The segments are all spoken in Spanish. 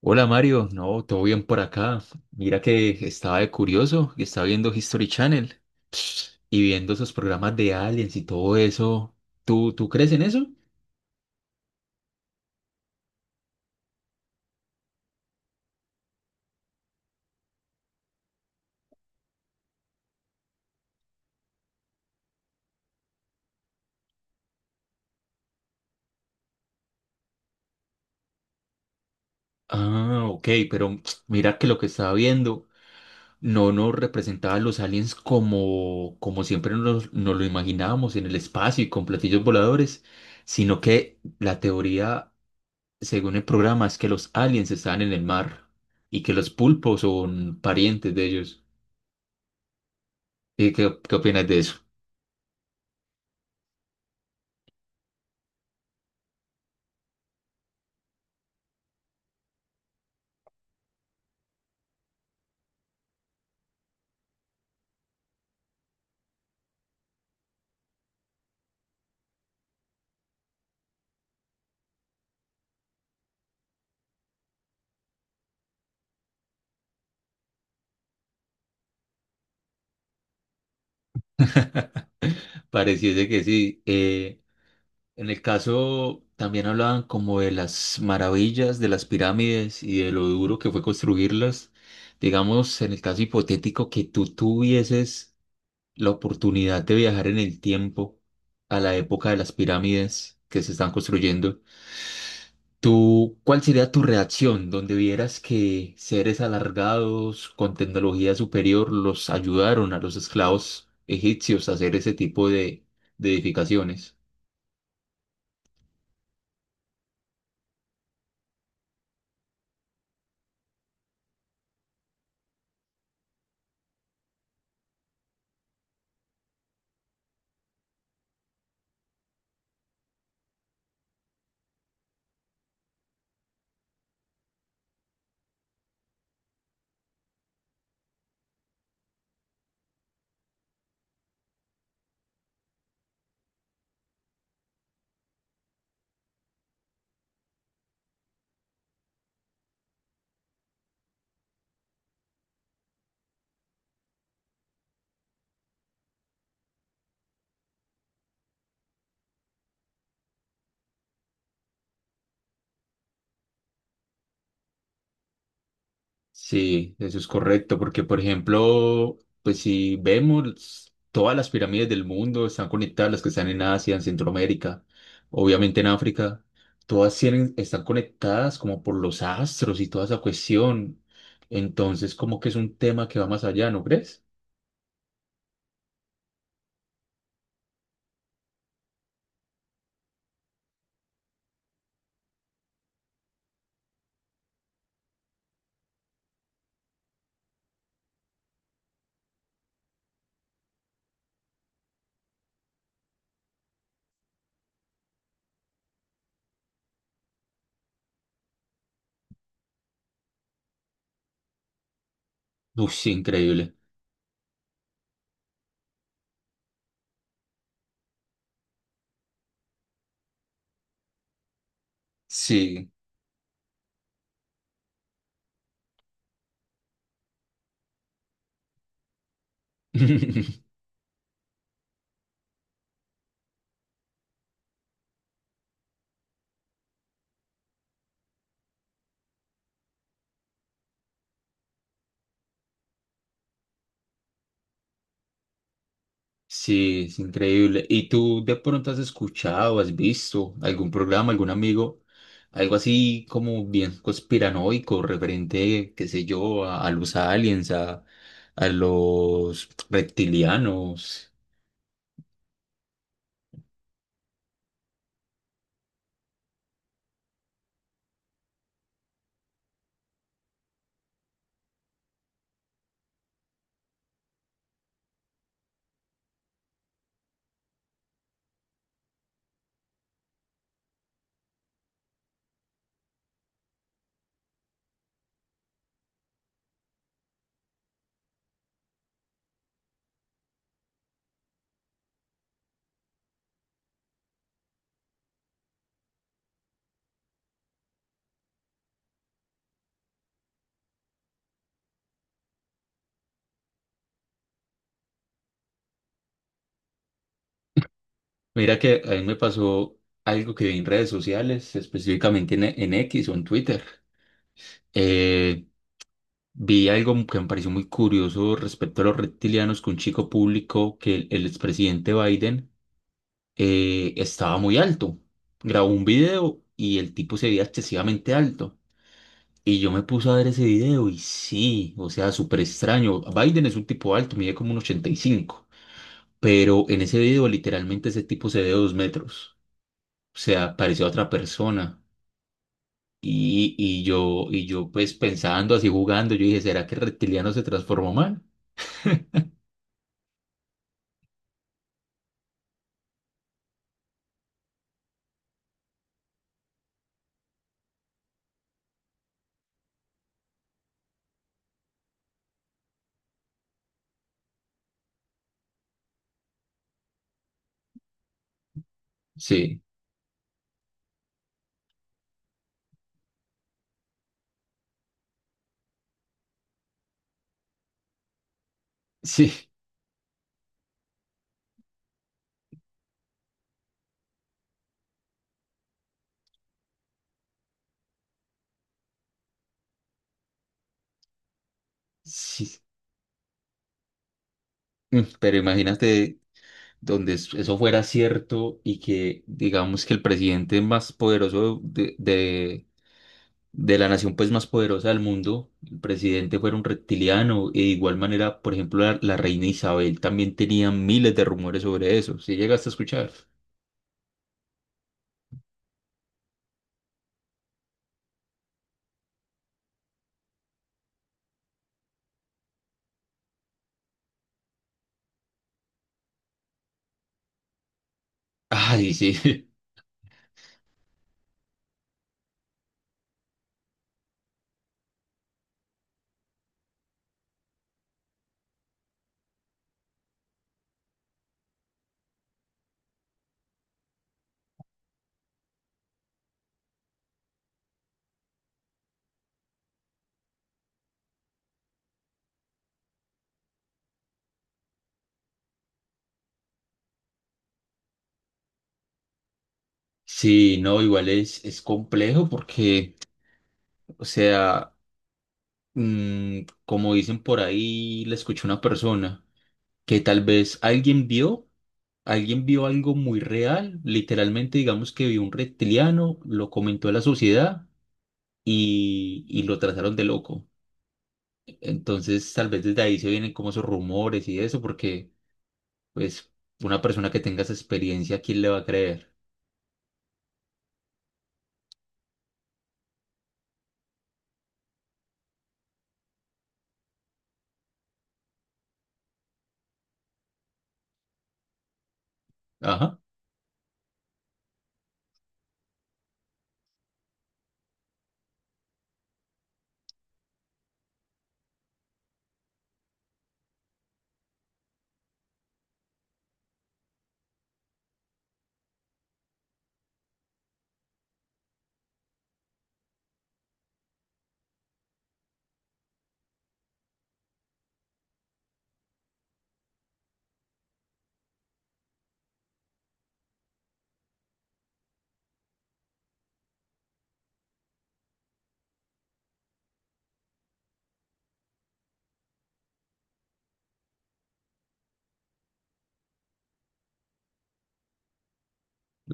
Hola Mario, no, todo bien por acá. Mira que estaba de curioso y estaba viendo History Channel y viendo esos programas de aliens y todo eso. ¿Tú crees en eso? Ah, ok, pero mira que lo que estaba viendo no nos representaba a los aliens como siempre nos lo imaginábamos en el espacio y con platillos voladores, sino que la teoría, según el programa, es que los aliens estaban en el mar y que los pulpos son parientes de ellos. ¿Y qué opinas de eso? Pareciese que sí. En el caso también hablaban como de las maravillas de las pirámides y de lo duro que fue construirlas. Digamos, en el caso hipotético que tú tuvieses la oportunidad de viajar en el tiempo a la época de las pirámides que se están construyendo. ¿Tú, cuál sería tu reacción donde vieras que seres alargados con tecnología superior los ayudaron a los esclavos egipcios a hacer ese tipo de edificaciones? Sí, eso es correcto, porque por ejemplo, pues si vemos todas las pirámides del mundo están conectadas, las que están en Asia, en Centroamérica, obviamente en África, todas tienen, están conectadas como por los astros y toda esa cuestión. Entonces, como que es un tema que va más allá, ¿no crees? Uy, sí, increíble. Sí. Sí, es increíble. ¿Y tú de pronto has escuchado, has visto algún programa, algún amigo, algo así como bien conspiranoico, referente, qué sé yo, a los aliens, a los reptilianos? Mira que a mí me pasó algo que vi en redes sociales, específicamente en X o en Twitter. Eh, Vi algo que me pareció muy curioso respecto a los reptilianos, que un chico público que el expresidente Biden estaba muy alto. Grabó un video y el tipo se veía excesivamente alto. Y yo me puse a ver ese video y sí, o sea, súper extraño. Biden es un tipo alto, mide como un 1,85, pero en ese video literalmente ese tipo se ve 2 metros. O sea, parecía otra persona. Y yo pues pensando así jugando, yo dije, ¿será que el reptiliano se transformó mal? Sí, sí, sí. Pero imagínate donde eso fuera cierto y que digamos que el presidente más poderoso de la nación pues más poderosa del mundo, el presidente fuera un reptiliano y de igual manera, por ejemplo, la reina Isabel también tenía miles de rumores sobre eso. ¿Sí llegaste a escuchar? Ay, sí. Sí, no, igual es complejo porque, o sea, como dicen por ahí, le escuché a una persona, que tal vez alguien vio algo muy real, literalmente digamos que vio un reptiliano, lo comentó a la sociedad y lo trataron de loco. Entonces tal vez desde ahí se vienen como esos rumores y eso, porque pues una persona que tenga esa experiencia, ¿quién le va a creer? Ajá.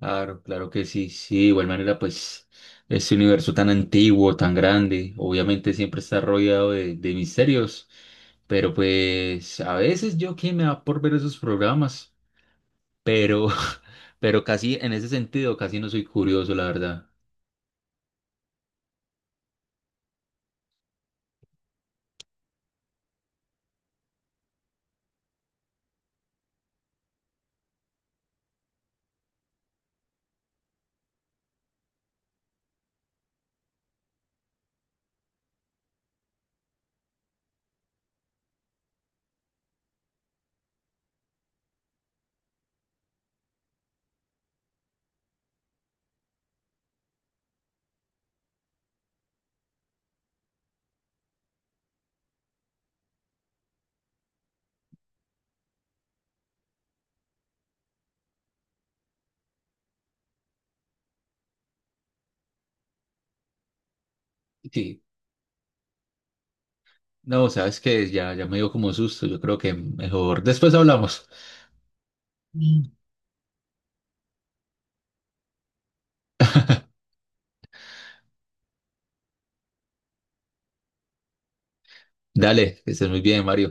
Claro, claro que sí, sí, de igual manera, pues este universo tan antiguo, tan grande, obviamente siempre está rodeado de misterios, pero pues a veces yo que me da por ver esos programas, pero, pero casi en ese sentido, casi no soy curioso, la verdad. Sí, no, sabes que ya, ya me dio como susto, yo creo que mejor después hablamos. Mm. Dale, que estés muy bien, Mario.